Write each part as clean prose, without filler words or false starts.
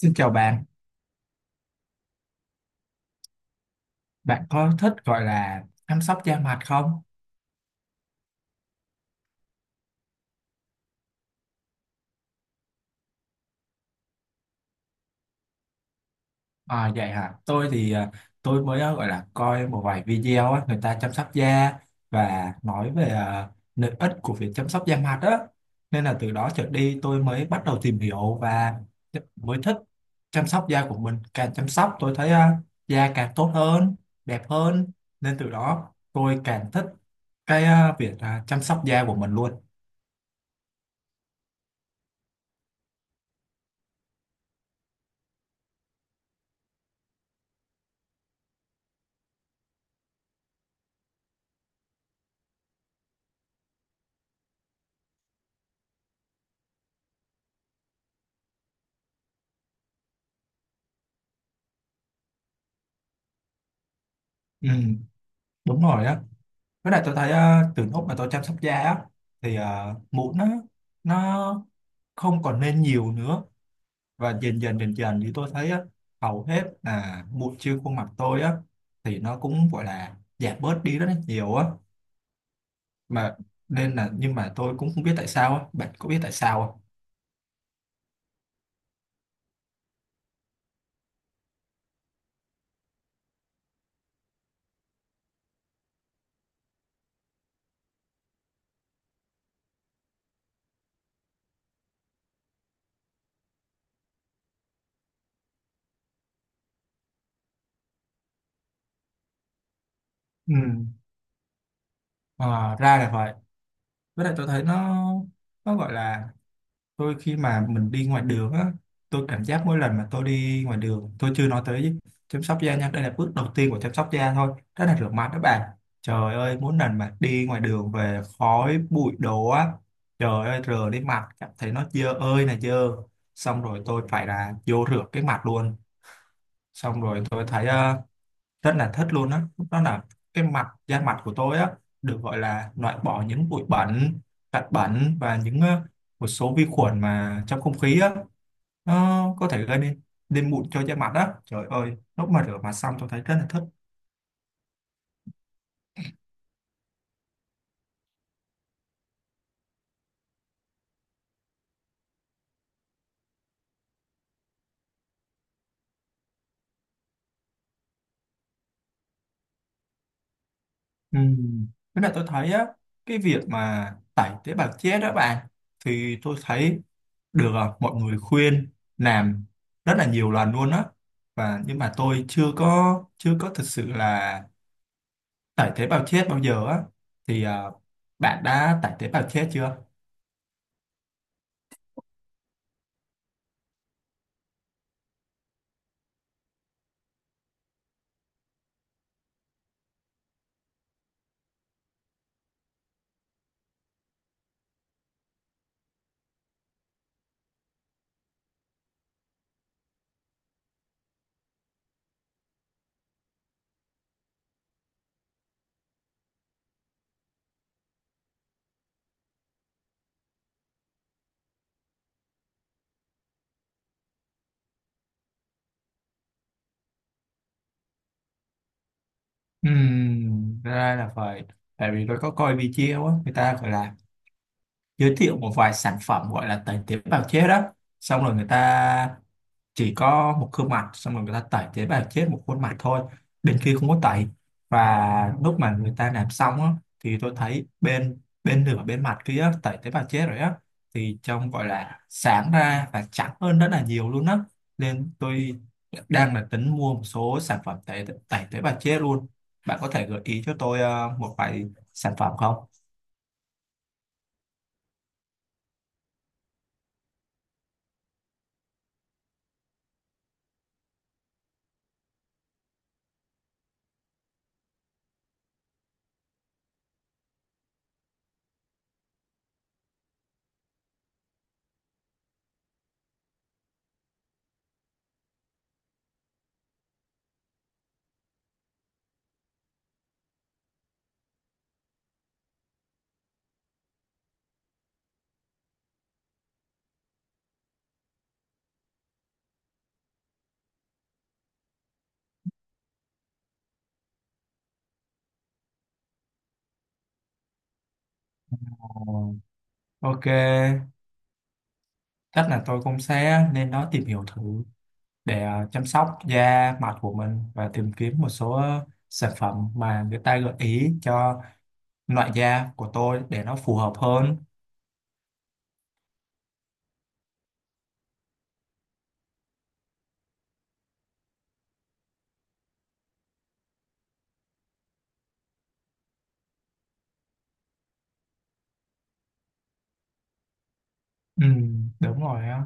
Xin chào bạn, bạn có thích gọi là chăm sóc da mặt không? À, vậy hả? Tôi thì tôi mới gọi là coi một vài video á, người ta chăm sóc da và nói về lợi ích của việc chăm sóc da mặt á. Nên là từ đó trở đi tôi mới bắt đầu tìm hiểu và mới thích chăm sóc da của mình. Càng chăm sóc tôi thấy da càng tốt hơn, đẹp hơn. Nên từ đó tôi càng thích việc chăm sóc da của mình luôn. Ừ, đúng rồi á. Với lại tôi thấy từ lúc mà tôi chăm sóc da á, thì mụn nó không còn lên nhiều nữa và dần dần dần dần thì tôi thấy á, hầu hết là mụn trên khuôn mặt tôi á thì nó cũng gọi là giảm bớt đi rất là nhiều á mà nên là nhưng mà tôi cũng không biết tại sao á, bạn có biết tại sao không? Ừ. Ờ, ra là vậy. Với lại tôi thấy nó gọi là tôi khi mà mình đi ngoài đường á, tôi cảm giác mỗi lần mà tôi đi ngoài đường tôi chưa nói tới chăm sóc da nha, đây là bước đầu tiên của chăm sóc da thôi, đó là rửa mặt đó bạn. Trời ơi, mỗi lần mà đi ngoài đường về khói bụi đồ á, trời ơi rửa lên mặt cảm thấy nó dơ ơi là dơ, xong rồi tôi phải là vô rửa cái mặt luôn. Xong rồi tôi thấy rất là thích luôn á đó. Là cái mặt da mặt của tôi á được gọi là loại bỏ những bụi bẩn, hạt bẩn và những một số vi khuẩn mà trong không khí á, nó có thể gây nên nên mụn cho da mặt á. Trời ơi lúc mà rửa mặt xong tôi thấy rất là thích. Ừ. Với lại tôi thấy á cái việc mà tẩy tế bào chết đó bạn, thì tôi thấy được mọi người khuyên làm rất là nhiều lần luôn á, và nhưng mà tôi chưa có thực sự là tải tế bào chết bao giờ á. Thì bạn đã tải tế bào chết chưa? Ra là phải. Tại vì tôi có coi video á người ta gọi là giới thiệu một vài sản phẩm gọi là tẩy tế bào chết đó, xong rồi người ta chỉ có một gương mặt, xong rồi người ta tẩy tế bào chết một khuôn mặt thôi, bên kia không có tẩy. Và lúc mà người ta làm xong á, thì tôi thấy bên bên nửa bên mặt kia á, tẩy tế bào chết rồi á, thì trông gọi là sáng ra và trắng hơn rất là nhiều luôn á. Nên tôi đang là tính mua một số sản phẩm tẩy tẩy tế bào chết luôn. Bạn có thể gợi ý cho tôi một vài sản phẩm không? Ờ, ok, chắc là tôi cũng sẽ lên đó tìm hiểu thử để chăm sóc da mặt của mình và tìm kiếm một số sản phẩm mà người ta gợi ý cho loại da của tôi để nó phù hợp hơn. Ừ, đúng rồi á.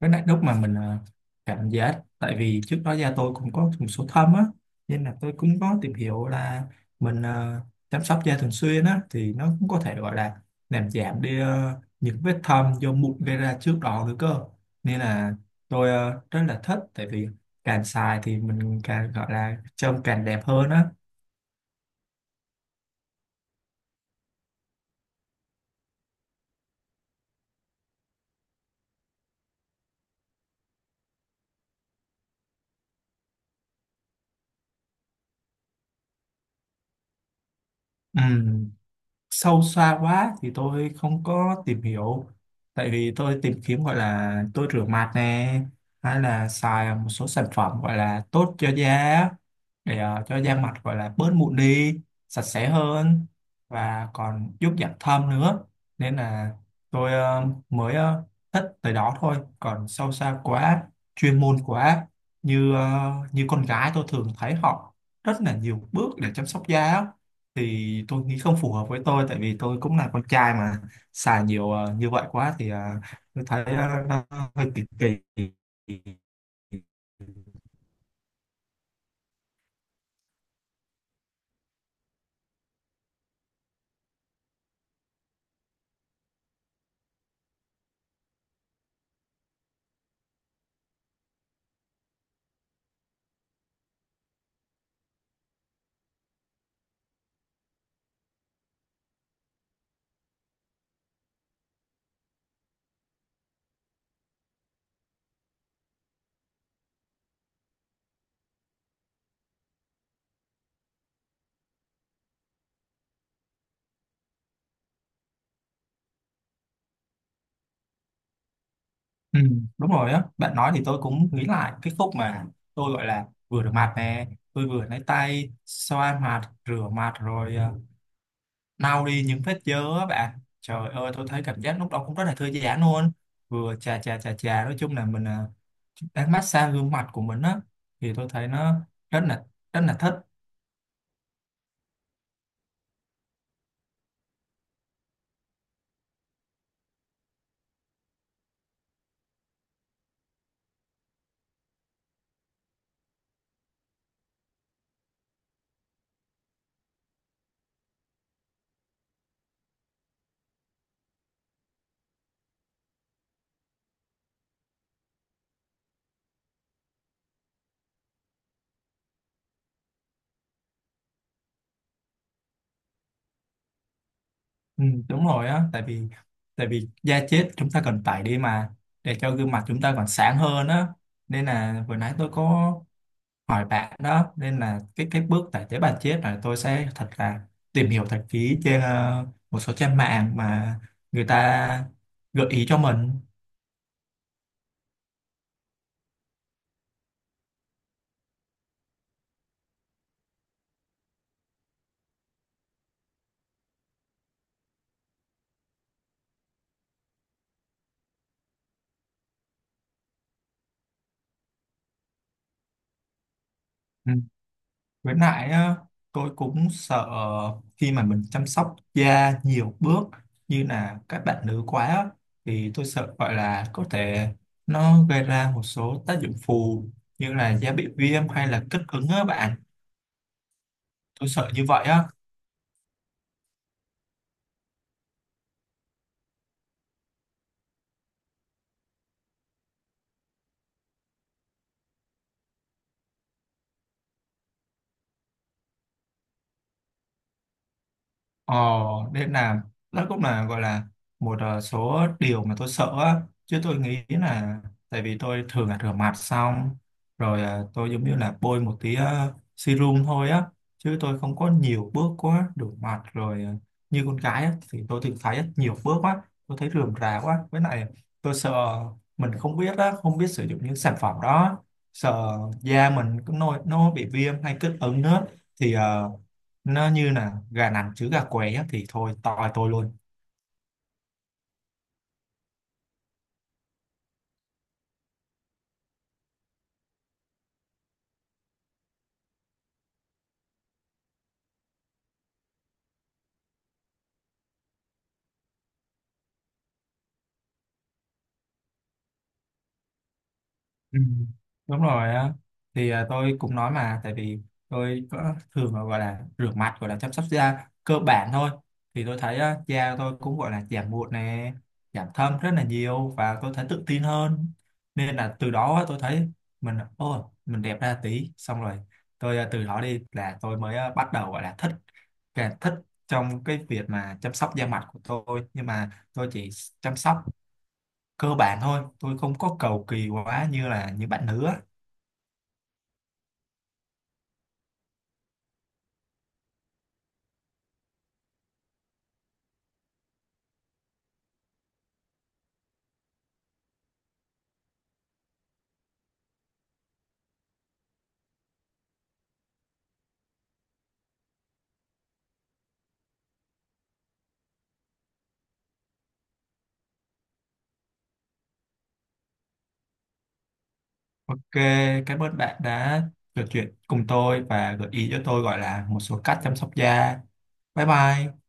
Cái này lúc mà mình cảm giác tại vì trước đó da tôi cũng có một số thâm á, nên là tôi cũng có tìm hiểu là mình chăm sóc da thường xuyên á thì nó cũng có thể gọi là làm giảm đi những vết thâm do mụn gây ra trước đó nữa cơ. Nên là tôi rất là thích, tại vì càng xài thì mình càng gọi là trông càng đẹp hơn á. Ừ. Sâu xa quá thì tôi không có tìm hiểu, tại vì tôi tìm kiếm gọi là tôi rửa mặt nè, hay là xài một số sản phẩm gọi là tốt cho da để cho da mặt gọi là bớt mụn đi, sạch sẽ hơn và còn giúp giảm thâm nữa. Nên là tôi mới thích tới đó thôi, còn sâu xa quá, chuyên môn quá, như như con gái tôi thường thấy họ rất là nhiều bước để chăm sóc da á. Thì tôi nghĩ không phù hợp với tôi, tại vì tôi cũng là con trai mà, xài nhiều như vậy quá thì tôi thấy hơi. Ừ, đúng rồi á, bạn nói thì tôi cũng nghĩ lại cái khúc mà tôi gọi là vừa rửa mặt nè, tôi vừa lấy tay xoa mặt rửa mặt rồi lau đi những vết dơ á bạn. Trời ơi tôi thấy cảm giác lúc đó cũng rất là thư giãn luôn, vừa chà chà chà chà, nói chung là mình đang massage gương mặt của mình á, thì tôi thấy nó rất là rất là thích. Ừ, đúng rồi á, tại vì da chết chúng ta cần tẩy đi mà, để cho gương mặt chúng ta còn sáng hơn á. Nên là vừa nãy tôi có hỏi bạn đó, nên là cái bước tải tế bào chết là tôi sẽ thật là tìm hiểu thật kỹ trên một số trang mạng mà người ta gợi ý cho mình. Ừ. Với lại á, tôi cũng sợ khi mà mình chăm sóc da nhiều bước như là các bạn nữ quá á, thì tôi sợ gọi là có thể nó gây ra một số tác dụng phụ như là da bị viêm hay là kích ứng á bạn, tôi sợ như vậy á. Ờ, nên là đó cũng là gọi là một số điều mà tôi sợ á. Chứ tôi nghĩ là tại vì tôi thường là rửa mặt xong rồi tôi giống như là bôi một tí serum thôi á. Chứ tôi không có nhiều bước quá, rửa mặt rồi như con gái á, thì tôi thường thấy á nhiều bước quá. Tôi thấy rườm rà quá. Với lại tôi sợ mình không biết á, không biết sử dụng những sản phẩm đó. Sợ da mình cứ nổi nó bị viêm hay kích ứng nữa. Thì nó như là gà nằm chứ gà qué á, thì thôi toi tôi luôn. Ừ, đúng rồi á. Thì tôi cũng nói mà tại vì tôi có thường là gọi là rửa mặt gọi là chăm sóc da cơ bản thôi, thì tôi thấy á da tôi cũng gọi là giảm mụn nè, giảm thâm rất là nhiều và tôi thấy tự tin hơn. Nên là từ đó á, tôi thấy mình ô mình đẹp ra tí, xong rồi tôi từ đó đi là tôi mới bắt đầu gọi là thích, càng thích trong cái việc mà chăm sóc da mặt của tôi. Nhưng mà tôi chỉ chăm sóc cơ bản thôi, tôi không có cầu kỳ quá như là như bạn nữa. Ok, cảm ơn bạn đã trò chuyện cùng tôi và gợi ý cho tôi gọi là một số cách chăm sóc da. Bye bye.